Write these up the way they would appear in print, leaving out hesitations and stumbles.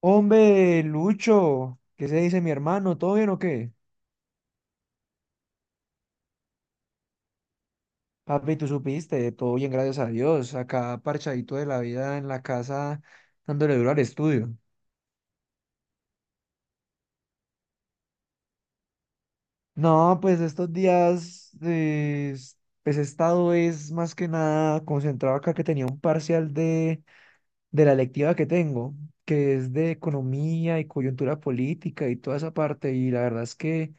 Hombre, Lucho, ¿qué se dice mi hermano? ¿Todo bien o qué? Papi, tú supiste, todo bien, gracias a Dios. Acá parchadito de la vida en la casa, dándole duro al estudio. No, pues estos días, pues he estado es más que nada concentrado acá que tenía un parcial de la electiva que tengo, que es de economía y coyuntura política y toda esa parte. Y la verdad es que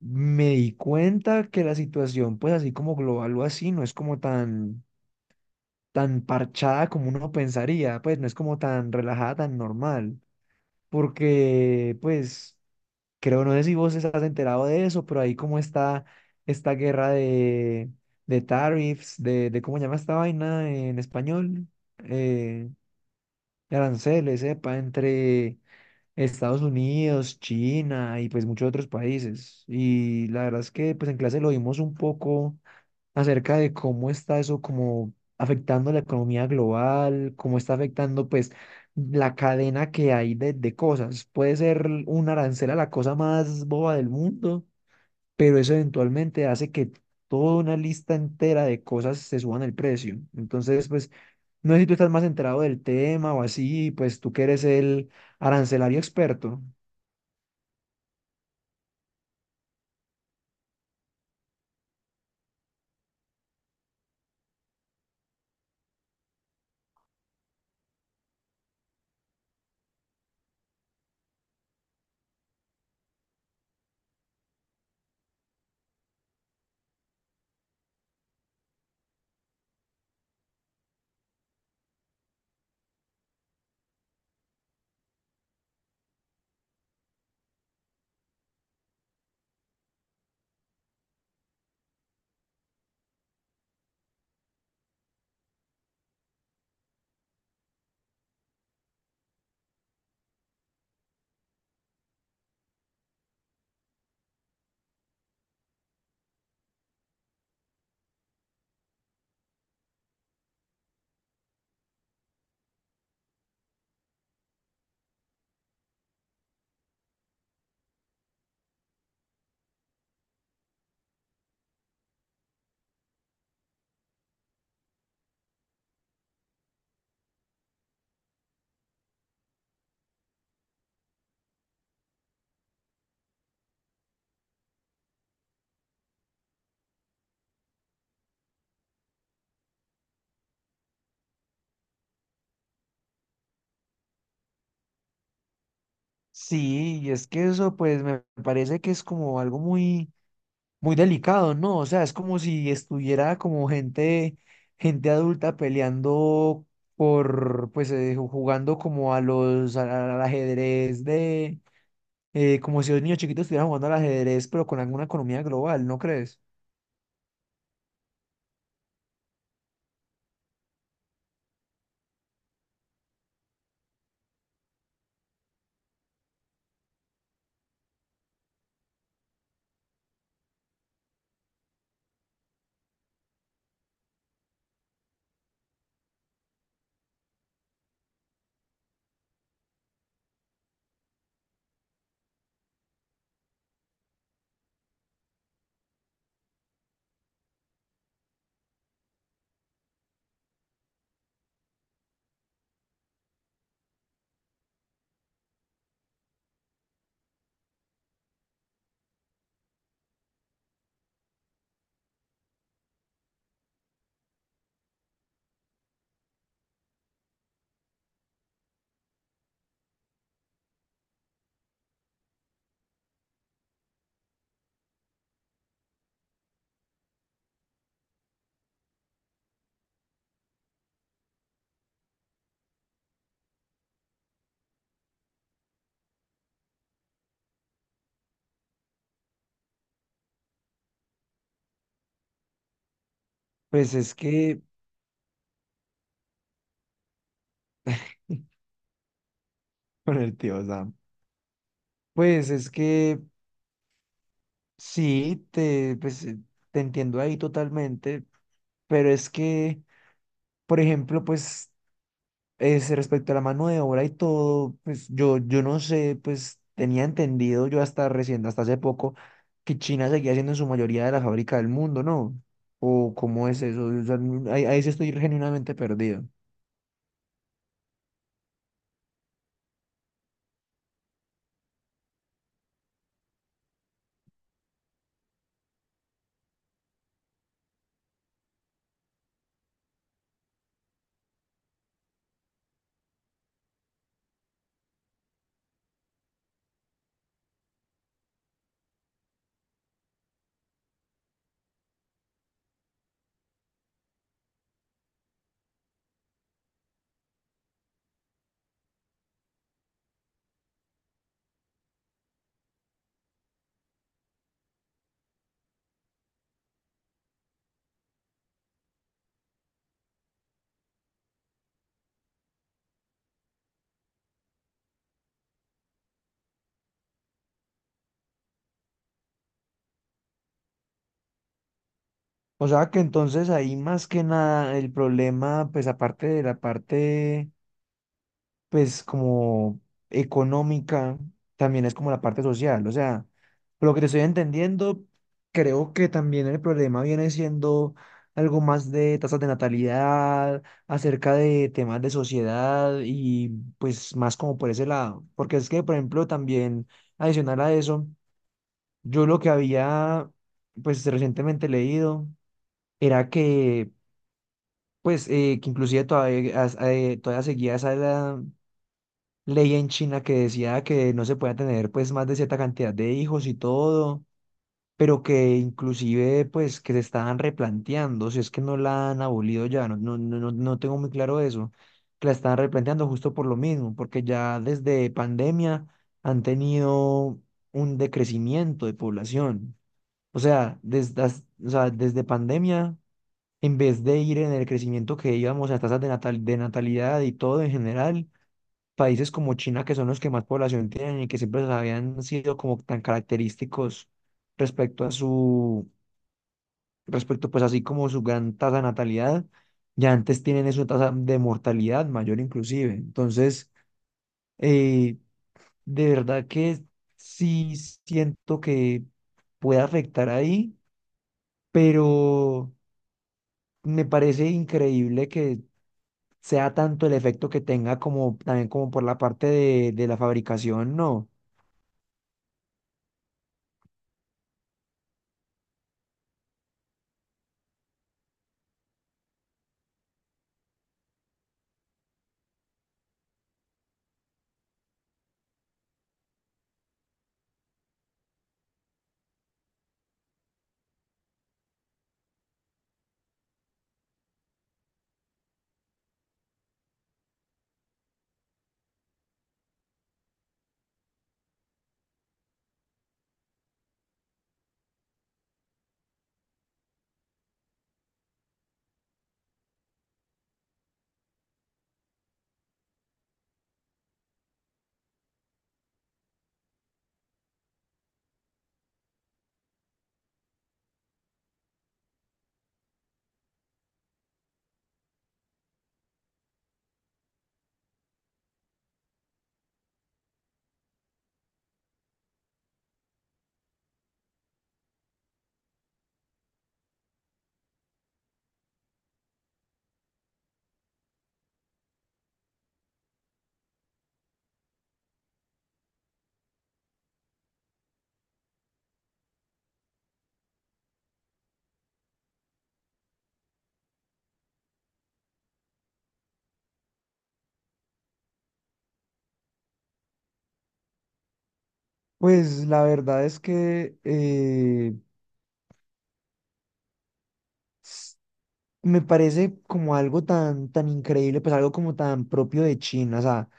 me di cuenta que la situación, pues así como global o así, no es como tan tan parchada como uno pensaría, pues no es como tan relajada, tan normal, porque pues creo, no sé si vos estás enterado de eso, pero ahí como está esta guerra de tariffs, de cómo se llama esta vaina en español, eh, de aranceles, sepa, entre Estados Unidos, China y pues muchos otros países. Y la verdad es que pues en clase lo vimos un poco acerca de cómo está eso como afectando la economía global, cómo está afectando pues la cadena que hay de cosas. Puede ser un arancel a la cosa más boba del mundo, pero eso eventualmente hace que toda una lista entera de cosas se suban el precio. Entonces, pues, no sé si tú estás más enterado del tema o así, pues tú que eres el arancelario experto. Sí, y es que eso pues me parece que es como algo muy muy delicado, ¿no? O sea, es como si estuviera como gente adulta peleando por, pues, jugando como a al ajedrez de, como si los niños chiquitos estuvieran jugando al ajedrez, pero con alguna economía global, ¿no crees? Pues es que, con el tío Sam, pues es que sí, te entiendo ahí totalmente, pero es que... Por ejemplo, pues es respecto a la mano de obra y todo, pues yo no sé, pues tenía entendido yo hasta recién, hasta hace poco, que China seguía siendo en su mayoría de la fábrica del mundo, ¿no? ¿O cómo es eso? O sea, ahí sí estoy genuinamente perdido. O sea que entonces ahí más que nada el problema, pues aparte de la parte pues como económica, también es como la parte social. O sea, por lo que te estoy entendiendo, creo que también el problema viene siendo algo más de tasas de natalidad, acerca de temas de sociedad y pues más como por ese lado. Porque es que, por ejemplo, también adicional a eso, yo lo que había pues recientemente leído era que pues que inclusive todavía seguía esa, edad ley en China que decía que no se podía tener pues más de cierta cantidad de hijos y todo, pero que inclusive pues que se estaban replanteando, si es que no la han abolido ya, no, no, no, no tengo muy claro eso, que la estaban replanteando justo por lo mismo, porque ya desde pandemia han tenido un decrecimiento de población. O sea, o sea, desde pandemia, en vez de ir en el crecimiento que íbamos a tasas de natalidad y todo en general, países como China, que son los que más población tienen y que siempre habían sido como tan característicos respecto a su, respecto pues así como su gran tasa de natalidad, ya antes tienen eso, tasa de mortalidad mayor inclusive. Entonces, eh, de verdad que sí siento que puede afectar ahí, pero me parece increíble que sea tanto el efecto que tenga como también como por la parte de la fabricación, ¿no? Pues la verdad es que s- me parece como algo tan increíble, pues algo como tan propio de China, o sea,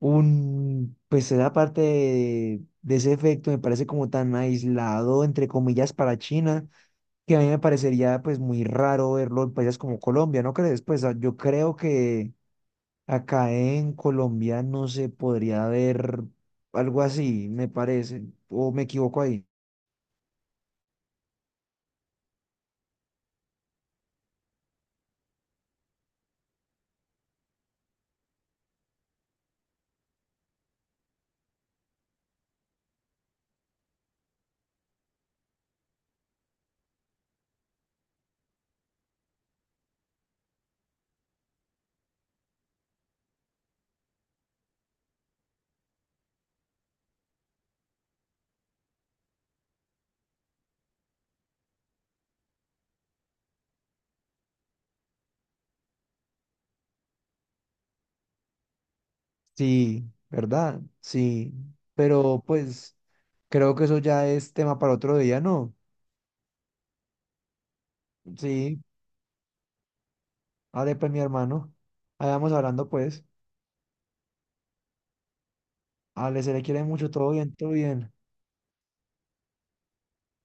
pues esa parte de ese efecto me parece como tan aislado, entre comillas, para China, que a mí me parecería pues muy raro verlo en países como Colombia, ¿no crees? Pues ah, yo creo que acá en Colombia no se podría ver algo así, me parece, o me equivoco ahí. Sí, ¿verdad? Sí, pero pues creo que eso ya es tema para otro día, ¿no? Sí, vale, pues mi hermano, ahí vamos hablando pues, ale, se le quiere mucho, todo bien, todo bien.